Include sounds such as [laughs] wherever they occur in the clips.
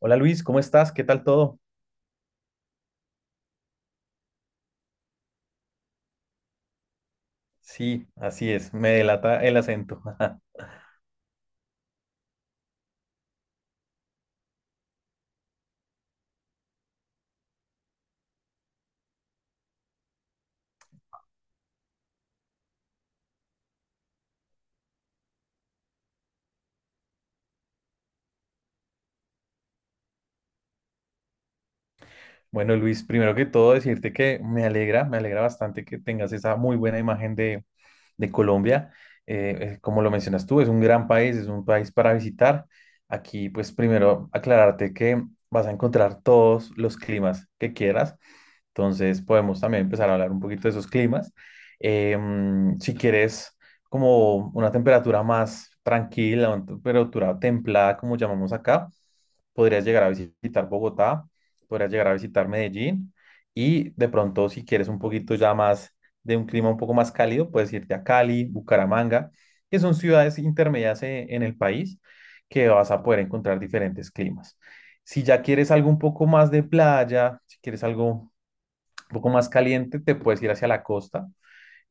Hola Luis, ¿cómo estás? ¿Qué tal todo? Sí, así es, me delata el acento. [laughs] Bueno Luis, primero que todo decirte que me alegra bastante que tengas esa muy buena imagen de Colombia. Como lo mencionas tú, es un gran país, es un país para visitar. Aquí pues primero aclararte que vas a encontrar todos los climas que quieras. Entonces podemos también empezar a hablar un poquito de esos climas. Si quieres como una temperatura más tranquila, una temperatura templada, como llamamos acá, podrías llegar a visitar Bogotá, podrías llegar a visitar Medellín y de pronto si quieres un poquito ya más de un clima un poco más cálido, puedes irte a Cali, Bucaramanga, que son ciudades intermedias en el país que vas a poder encontrar diferentes climas. Si ya quieres algo un poco más de playa, si quieres algo un poco más caliente, te puedes ir hacia la costa,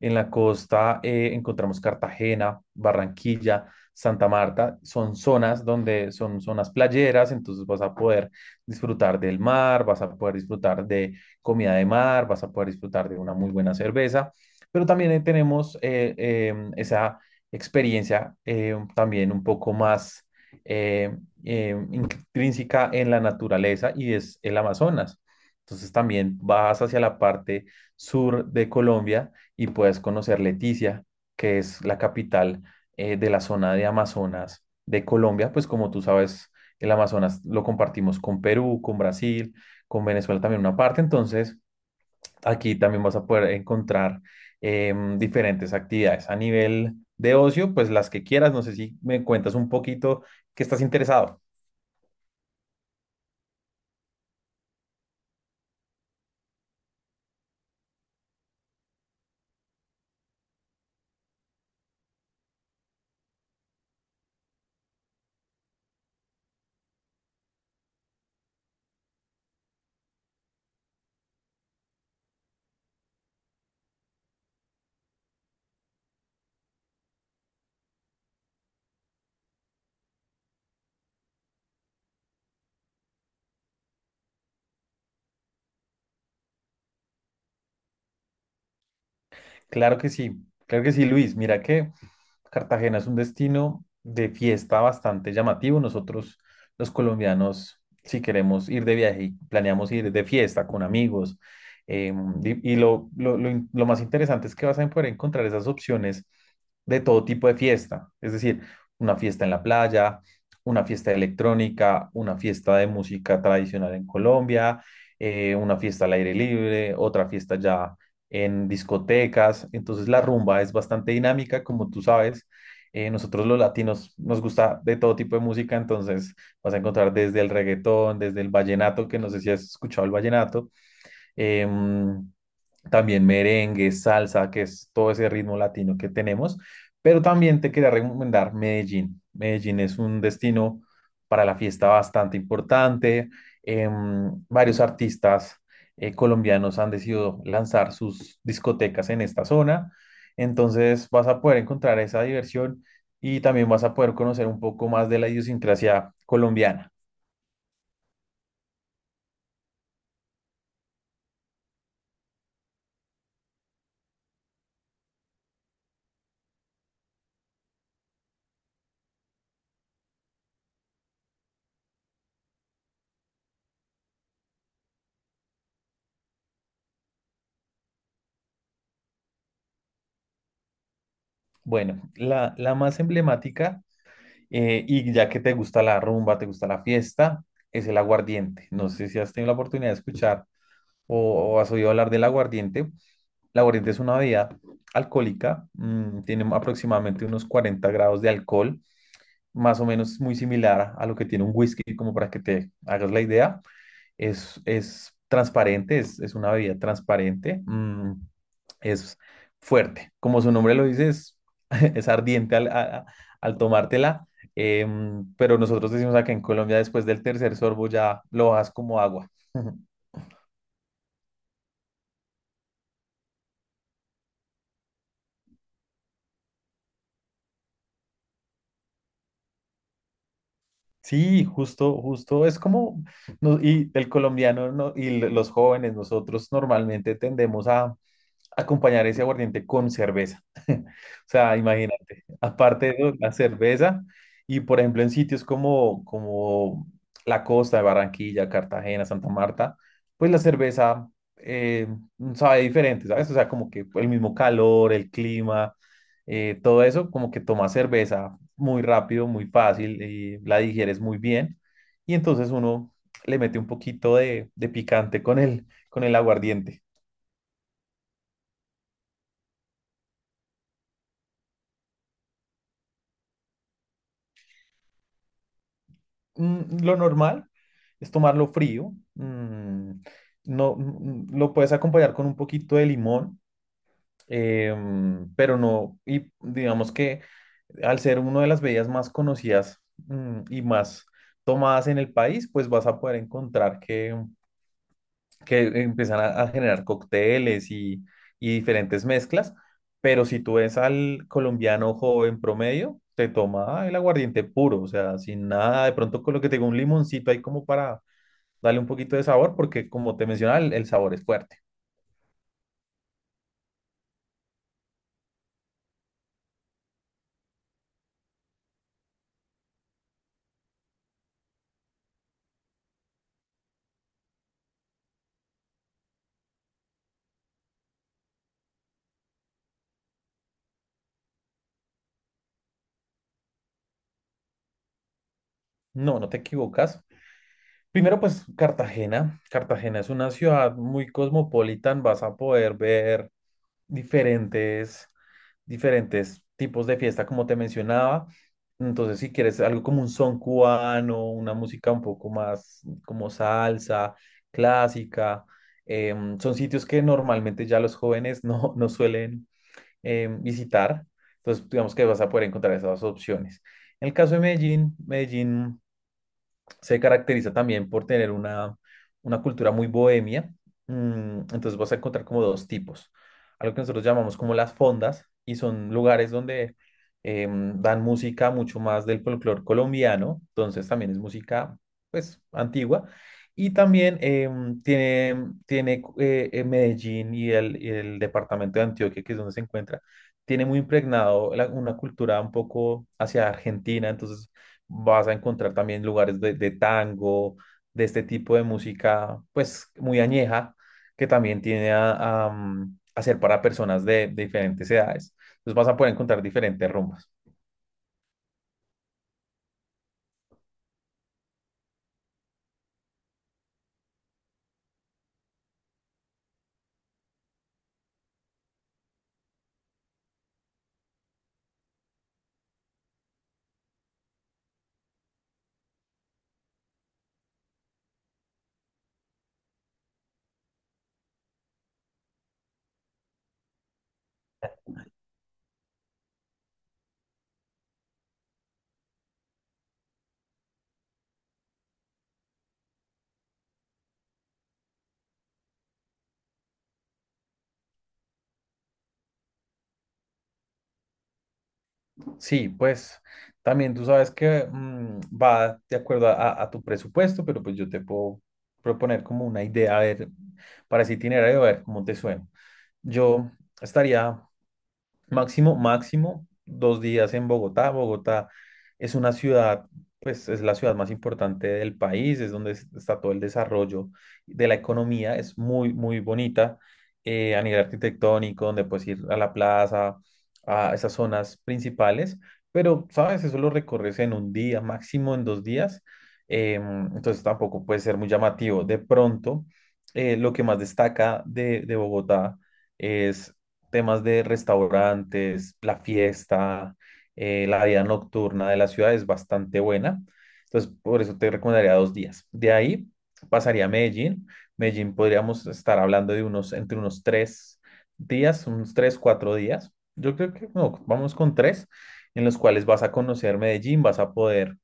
en la costa encontramos Cartagena, Barranquilla, Santa Marta. Son zonas donde son zonas playeras, entonces vas a poder disfrutar del mar, vas a poder disfrutar de comida de mar, vas a poder disfrutar de una muy buena cerveza, pero también ahí tenemos esa experiencia también un poco más eh, intrínseca en la naturaleza y es el Amazonas. Entonces también vas hacia la parte sur de Colombia y puedes conocer Leticia, que es la capital de la zona de Amazonas de Colombia, pues como tú sabes, el Amazonas lo compartimos con Perú, con Brasil, con Venezuela también una parte, entonces aquí también vas a poder encontrar diferentes actividades a nivel de ocio, pues las que quieras, no sé si me cuentas un poquito que estás interesado. Claro que sí, claro que sí, Luis, mira que Cartagena es un destino de fiesta bastante llamativo. Nosotros, los colombianos, si queremos ir de viaje, y planeamos ir de fiesta con amigos. eh, y lo más interesante es que vas a poder encontrar esas opciones de todo tipo de fiesta. Es decir, una fiesta en la playa, una fiesta electrónica, una fiesta de música tradicional en Colombia, una fiesta al aire libre, otra fiesta ya en discotecas. Entonces la rumba es bastante dinámica, como tú sabes. Nosotros los latinos nos gusta de todo tipo de música, entonces vas a encontrar desde el reggaetón, desde el vallenato, que no sé si has escuchado el vallenato, em, también merengue, salsa, que es todo ese ritmo latino que tenemos. Pero también te quería recomendar Medellín. Medellín es un destino para la fiesta bastante importante. Varios artistas colombianos han decidido lanzar sus discotecas en esta zona. Entonces vas a poder encontrar esa diversión y también vas a poder conocer un poco más de la idiosincrasia colombiana. Bueno, la más emblemática, y ya que te gusta la rumba, te gusta la fiesta, es el aguardiente. No sé si has tenido la oportunidad de escuchar o has oído hablar del aguardiente. El aguardiente es una bebida alcohólica, tiene aproximadamente unos 40 grados de alcohol, más o menos muy similar a lo que tiene un whisky, como para que te hagas la idea. Es transparente, es una bebida transparente. Es fuerte. Como su nombre lo dice, [laughs] es ardiente al tomártela, pero nosotros decimos acá en Colombia, después del tercer sorbo ya lo bajas como agua. [laughs] Sí, justo, justo, es como, no, y el colombiano no, y los jóvenes, nosotros normalmente tendemos a, acompañar ese aguardiente con cerveza. [laughs] O sea, imagínate, aparte de eso, la cerveza y por ejemplo en sitios como la costa de Barranquilla, Cartagena, Santa Marta, pues la cerveza eh, sabe diferente, ¿sabes? O sea, como que el mismo calor, el clima, todo eso, como que tomas cerveza muy rápido, muy fácil y la digieres muy bien y entonces uno le mete un poquito de picante con el aguardiente. Lo normal es tomarlo frío. No, lo puedes acompañar con un poquito de limón, pero no, y digamos que al ser una de las bebidas más conocidas, y más tomadas en el país, pues vas a poder encontrar que empiezan a generar cócteles y diferentes mezclas. Pero si tú ves al colombiano joven promedio, te toma el aguardiente puro, o sea, sin nada, de pronto con lo que te digo, un limoncito ahí como para dale un poquito de sabor porque, como te mencionaba, el sabor es fuerte. No, no te equivocas. Primero, pues Cartagena. Cartagena es una ciudad muy cosmopolita. Vas a poder ver diferentes, diferentes tipos de fiesta, como te mencionaba. Entonces, si quieres algo como un son cubano, una música un poco más como salsa, clásica, son sitios que normalmente ya los jóvenes [laughs] no, no suelen visitar. Entonces, digamos que vas a poder encontrar esas opciones. En el caso de Medellín, Medellín se caracteriza también por tener una cultura muy bohemia. Entonces vas a encontrar como dos tipos. Algo que nosotros llamamos como las fondas y son lugares donde dan música mucho más del folclore colombiano. Entonces también es música pues antigua. Y también tiene Medellín y el departamento de Antioquia, que es donde se encuentra, tiene muy impregnado una cultura un poco hacia Argentina. Entonces vas a encontrar también lugares de tango, de este tipo de música, pues muy añeja, que también tiene a ser para personas de diferentes edades. Entonces vas a poder encontrar diferentes rumbas. Sí, pues también tú sabes que va de acuerdo a tu presupuesto, pero pues yo te puedo proponer como una idea, a ver, para ese itinerario, a ver cómo te suena. Yo estaría Máximo, máximo, 2 días en Bogotá. Bogotá es una ciudad, pues es la ciudad más importante del país, es donde está todo el desarrollo de la economía, es muy, muy bonita a nivel arquitectónico, donde puedes ir a la plaza, a esas zonas principales, pero, ¿sabes? Eso lo recorres en un día, máximo en 2 días, entonces tampoco puede ser muy llamativo. De pronto, lo que más destaca de Bogotá es temas de restaurantes, la fiesta. La vida nocturna de la ciudad es bastante buena. Entonces, por eso te recomendaría 2 días. De ahí pasaría a Medellín. Medellín podríamos estar hablando de entre unos 3 días, unos tres, cuatro días. Yo creo que no, vamos con tres, en los cuales vas a conocer Medellín, vas a poder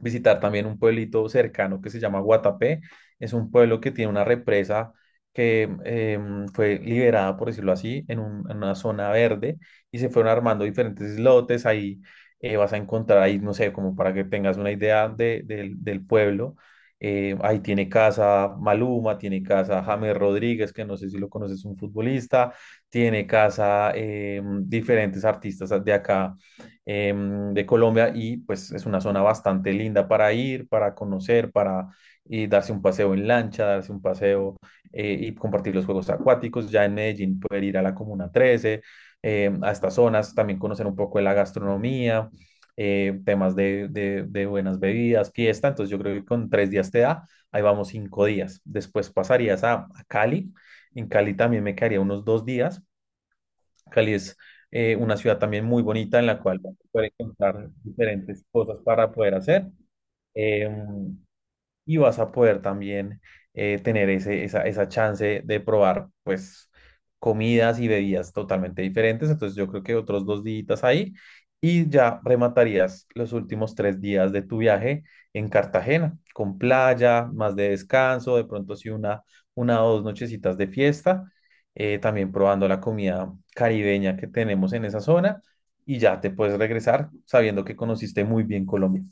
visitar también un pueblito cercano que se llama Guatapé. Es un pueblo que tiene una represa que fue liberada, por decirlo así, en una zona verde y se fueron armando diferentes islotes. Ahí vas a encontrar, ahí no sé, como para que tengas una idea del pueblo. Ahí tiene casa Maluma, tiene casa James Rodríguez, que no sé si lo conoces, un futbolista, tiene casa diferentes artistas de acá eh, de Colombia y pues es una zona bastante linda para ir, para conocer, para darse un paseo en lancha, darse un paseo y compartir los juegos acuáticos. Ya en Medellín poder ir a la Comuna 13, a estas zonas, también conocer un poco de la gastronomía, temas de buenas bebidas, fiesta. Entonces yo creo que con 3 días te da, ahí vamos 5 días. Después pasarías a Cali. En Cali también me quedaría unos 2 días. Cali es una ciudad también muy bonita en la cual vas a poder encontrar diferentes cosas para poder hacer. Eh, y vas a poder también tener esa chance de probar, pues, comidas y bebidas totalmente diferentes. Entonces, yo creo que otros 2 días ahí y ya rematarías los últimos 3 días de tu viaje en Cartagena, con playa, más de descanso, de pronto sí una o dos nochecitas de fiesta, también probando la comida caribeña que tenemos en esa zona. Y ya te puedes regresar sabiendo que conociste muy bien Colombia.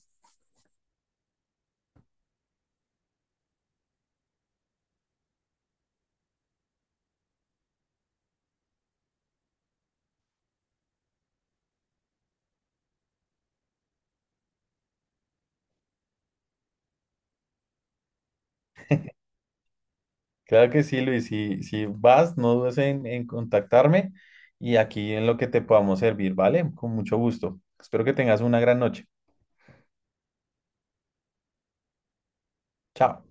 Claro que sí, Luis. Si vas, no dudes en contactarme y aquí en lo que te podamos servir, ¿vale? Con mucho gusto. Espero que tengas una gran noche. Chao.